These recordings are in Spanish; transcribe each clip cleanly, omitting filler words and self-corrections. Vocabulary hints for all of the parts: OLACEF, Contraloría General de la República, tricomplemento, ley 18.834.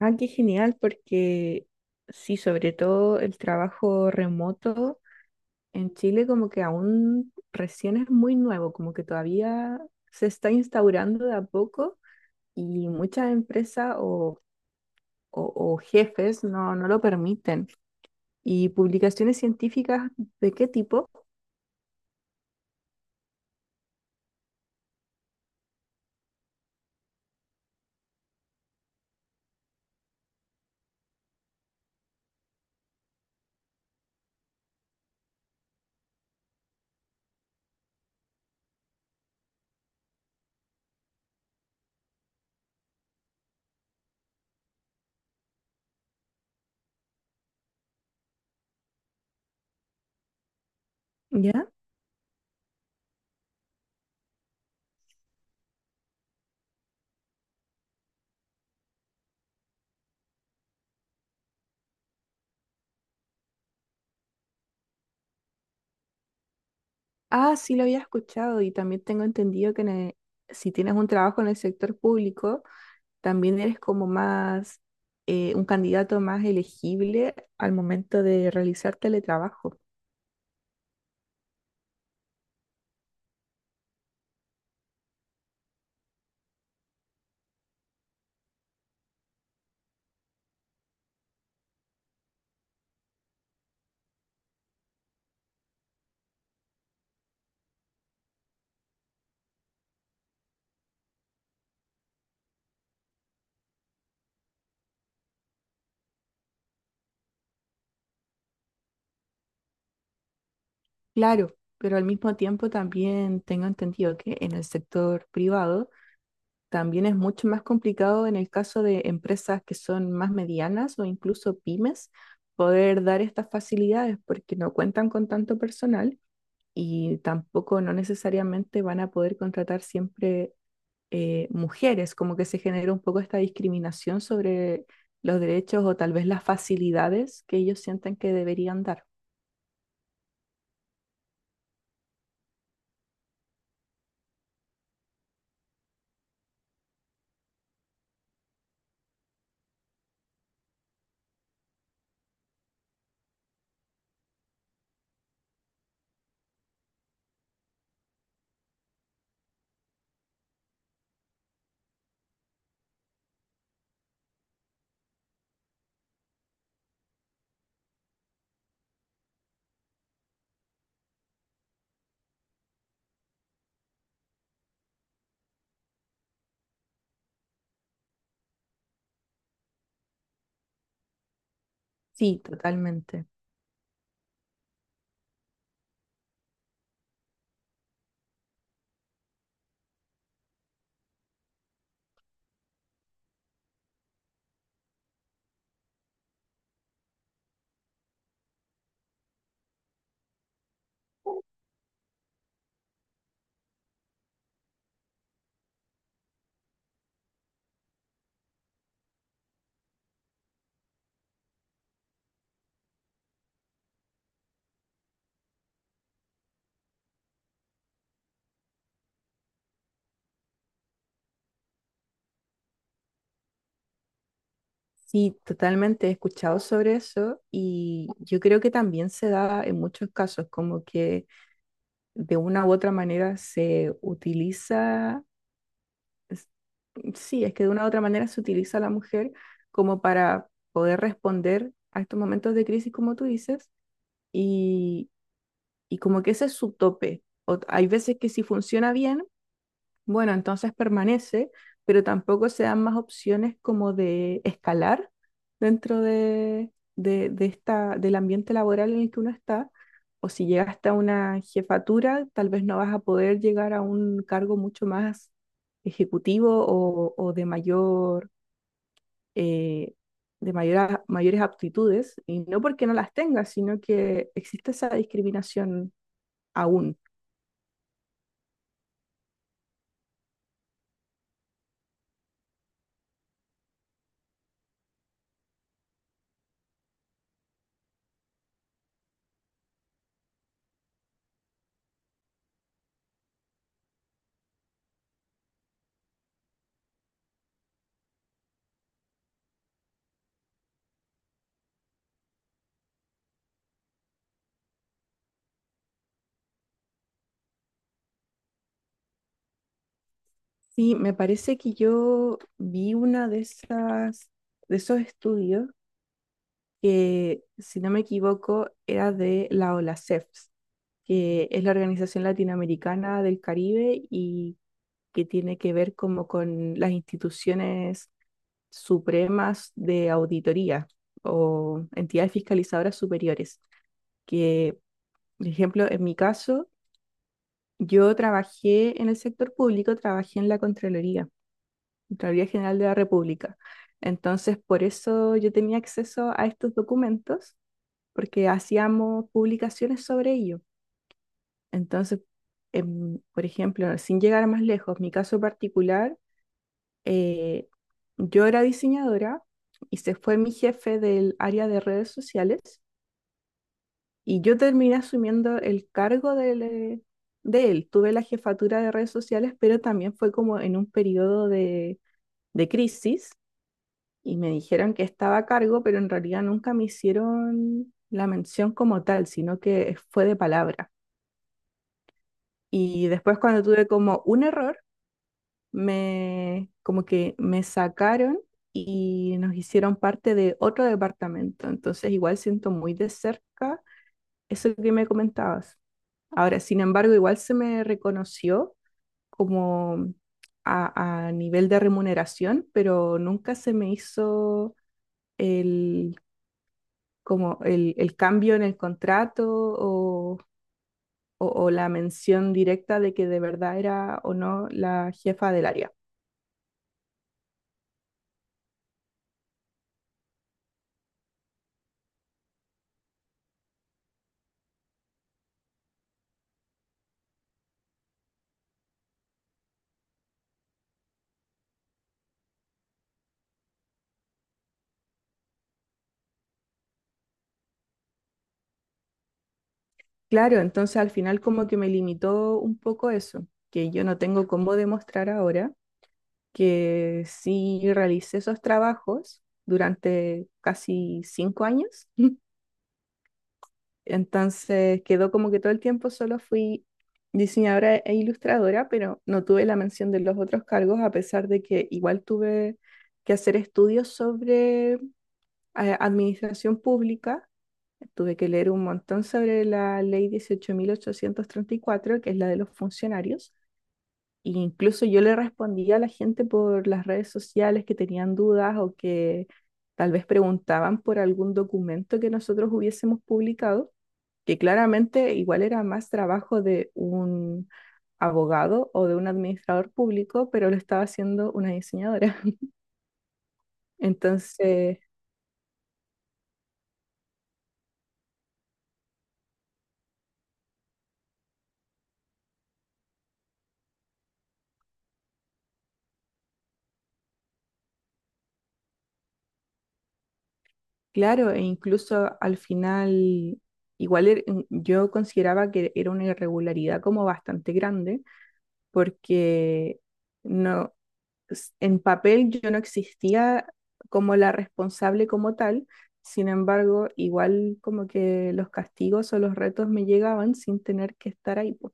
Ah, qué genial, porque sí, sobre todo el trabajo remoto en Chile como que aún recién es muy nuevo, como que todavía se está instaurando de a poco y muchas empresas o jefes no, no lo permiten. ¿Y publicaciones científicas de qué tipo? ¿Ya? Ah, sí, lo había escuchado y también tengo entendido que si tienes un trabajo en el sector público, también eres como más un candidato más elegible al momento de realizar teletrabajo. Claro, pero al mismo tiempo también tengo entendido que en el sector privado también es mucho más complicado en el caso de empresas que son más medianas o incluso pymes poder dar estas facilidades porque no cuentan con tanto personal y tampoco no necesariamente van a poder contratar siempre mujeres, como que se genera un poco esta discriminación sobre los derechos o tal vez las facilidades que ellos sienten que deberían dar. Sí, totalmente. Sí, totalmente. He escuchado sobre eso y yo creo que también se da en muchos casos, como que de una u otra manera se utiliza, es- sí, es que de una u otra manera se utiliza a la mujer como para poder responder a estos momentos de crisis, como tú dices, y como que ese es su tope. Hay veces que si funciona bien, bueno, entonces permanece, pero tampoco se dan más opciones como de escalar dentro de esta, del ambiente laboral en el que uno está. O si llegas hasta una jefatura, tal vez no vas a poder llegar a un cargo mucho más ejecutivo o de mayor, eh, mayores aptitudes, y no porque no las tengas, sino que existe esa discriminación aún. Sí, me parece que yo vi una de esas, de esos estudios que, si no me equivoco, era de la OLACEF, que es la Organización Latinoamericana del Caribe y que tiene que ver como con las instituciones supremas de auditoría o entidades fiscalizadoras superiores. Que, por ejemplo, en mi caso, yo trabajé en el sector público, trabajé en la Contraloría. Contraloría General de la República. Entonces, por eso yo tenía acceso a estos documentos, porque hacíamos publicaciones sobre ello. Entonces, por ejemplo, sin llegar más lejos, mi caso particular, eh, yo era diseñadora y se fue mi jefe del área de redes sociales y yo terminé asumiendo el cargo de él. Tuve la jefatura de redes sociales, pero también fue como en un periodo de crisis y me dijeron que estaba a cargo, pero en realidad nunca me hicieron la mención como tal, sino que fue de palabra. Y después cuando tuve como un error, me como que me sacaron y nos hicieron parte de otro departamento. Entonces igual siento muy de cerca eso que me comentabas. Ahora, sin embargo, igual se me reconoció como a nivel de remuneración, pero nunca se me hizo el como el cambio en el contrato o la mención directa de que de verdad era o no la jefa del área. Claro, entonces al final como que me limitó un poco eso, que yo no tengo cómo demostrar ahora que sí realicé esos trabajos durante casi 5 años. Entonces quedó como que todo el tiempo solo fui diseñadora e ilustradora, pero no tuve la mención de los otros cargos, a pesar de que igual tuve que hacer estudios sobre administración pública. Tuve que leer un montón sobre la ley 18.834 que es la de los funcionarios. E incluso yo le respondía a la gente por las redes sociales que tenían dudas o que tal vez preguntaban por algún documento que nosotros hubiésemos publicado que claramente igual era más trabajo de un abogado o de un administrador público, pero lo estaba haciendo una diseñadora. Entonces, claro, e incluso al final, igual yo consideraba que era una irregularidad como bastante grande, porque no, en papel yo no existía como la responsable como tal, sin embargo, igual como que los castigos o los retos me llegaban sin tener que estar ahí, po.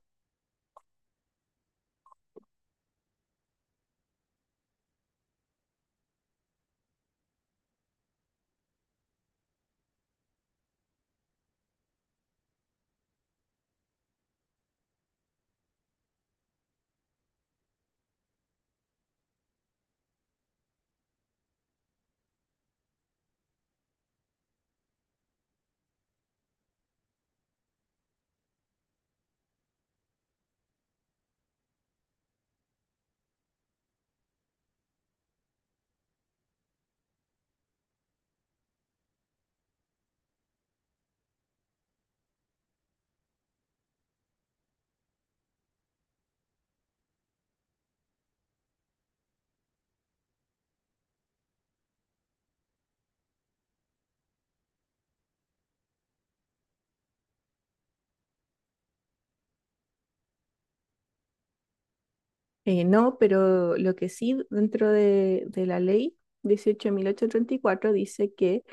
No, pero lo que sí dentro de la ley 18.834 dice que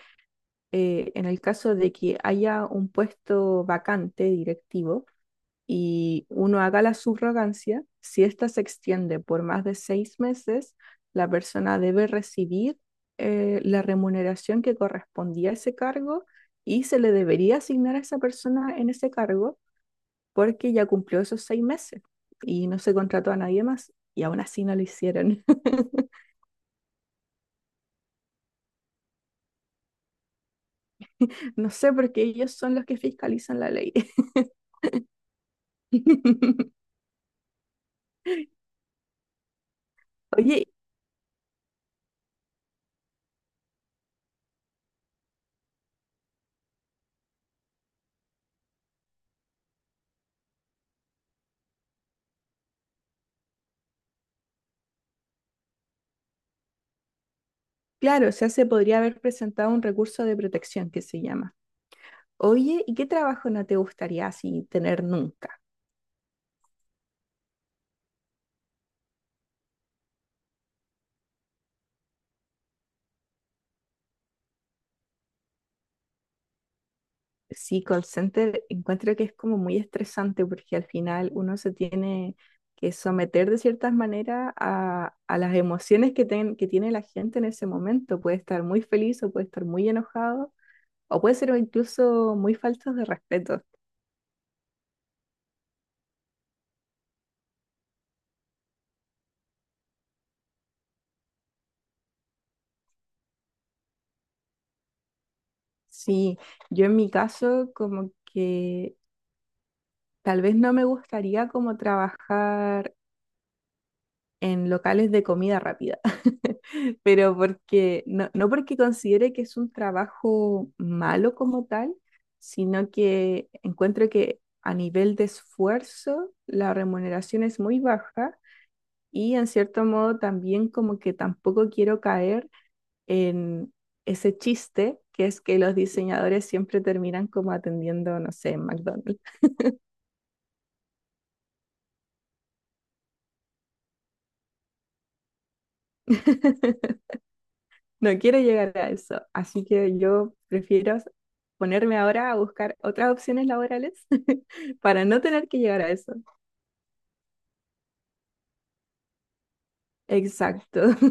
en el caso de que haya un puesto vacante directivo y uno haga la subrogancia, si ésta se extiende por más de 6 meses, la persona debe recibir la remuneración que correspondía a ese cargo y se le debería asignar a esa persona en ese cargo porque ya cumplió esos 6 meses y no se contrató a nadie más y aún así no lo hicieron. No sé, porque ellos son los que fiscalizan la ley. Oye, claro, o sea, se podría haber presentado un recurso de protección que se llama. Oye, ¿y qué trabajo no te gustaría así tener nunca? Sí, call center encuentro que es como muy estresante porque al final uno se tiene que someter de ciertas maneras a las emociones que tiene la gente en ese momento. Puede estar muy feliz o puede estar muy enojado o puede ser incluso muy faltos de respeto. Sí, yo en mi caso como que tal vez no me gustaría como trabajar en locales de comida rápida, pero porque no, no porque considere que es un trabajo malo como tal, sino que encuentro que a nivel de esfuerzo la remuneración es muy baja y en cierto modo también como que tampoco quiero caer en ese chiste que es que los diseñadores siempre terminan como atendiendo, no sé, en McDonald's. No quiero llegar a eso, así que yo prefiero ponerme ahora a buscar otras opciones laborales para no tener que llegar a eso. Exacto.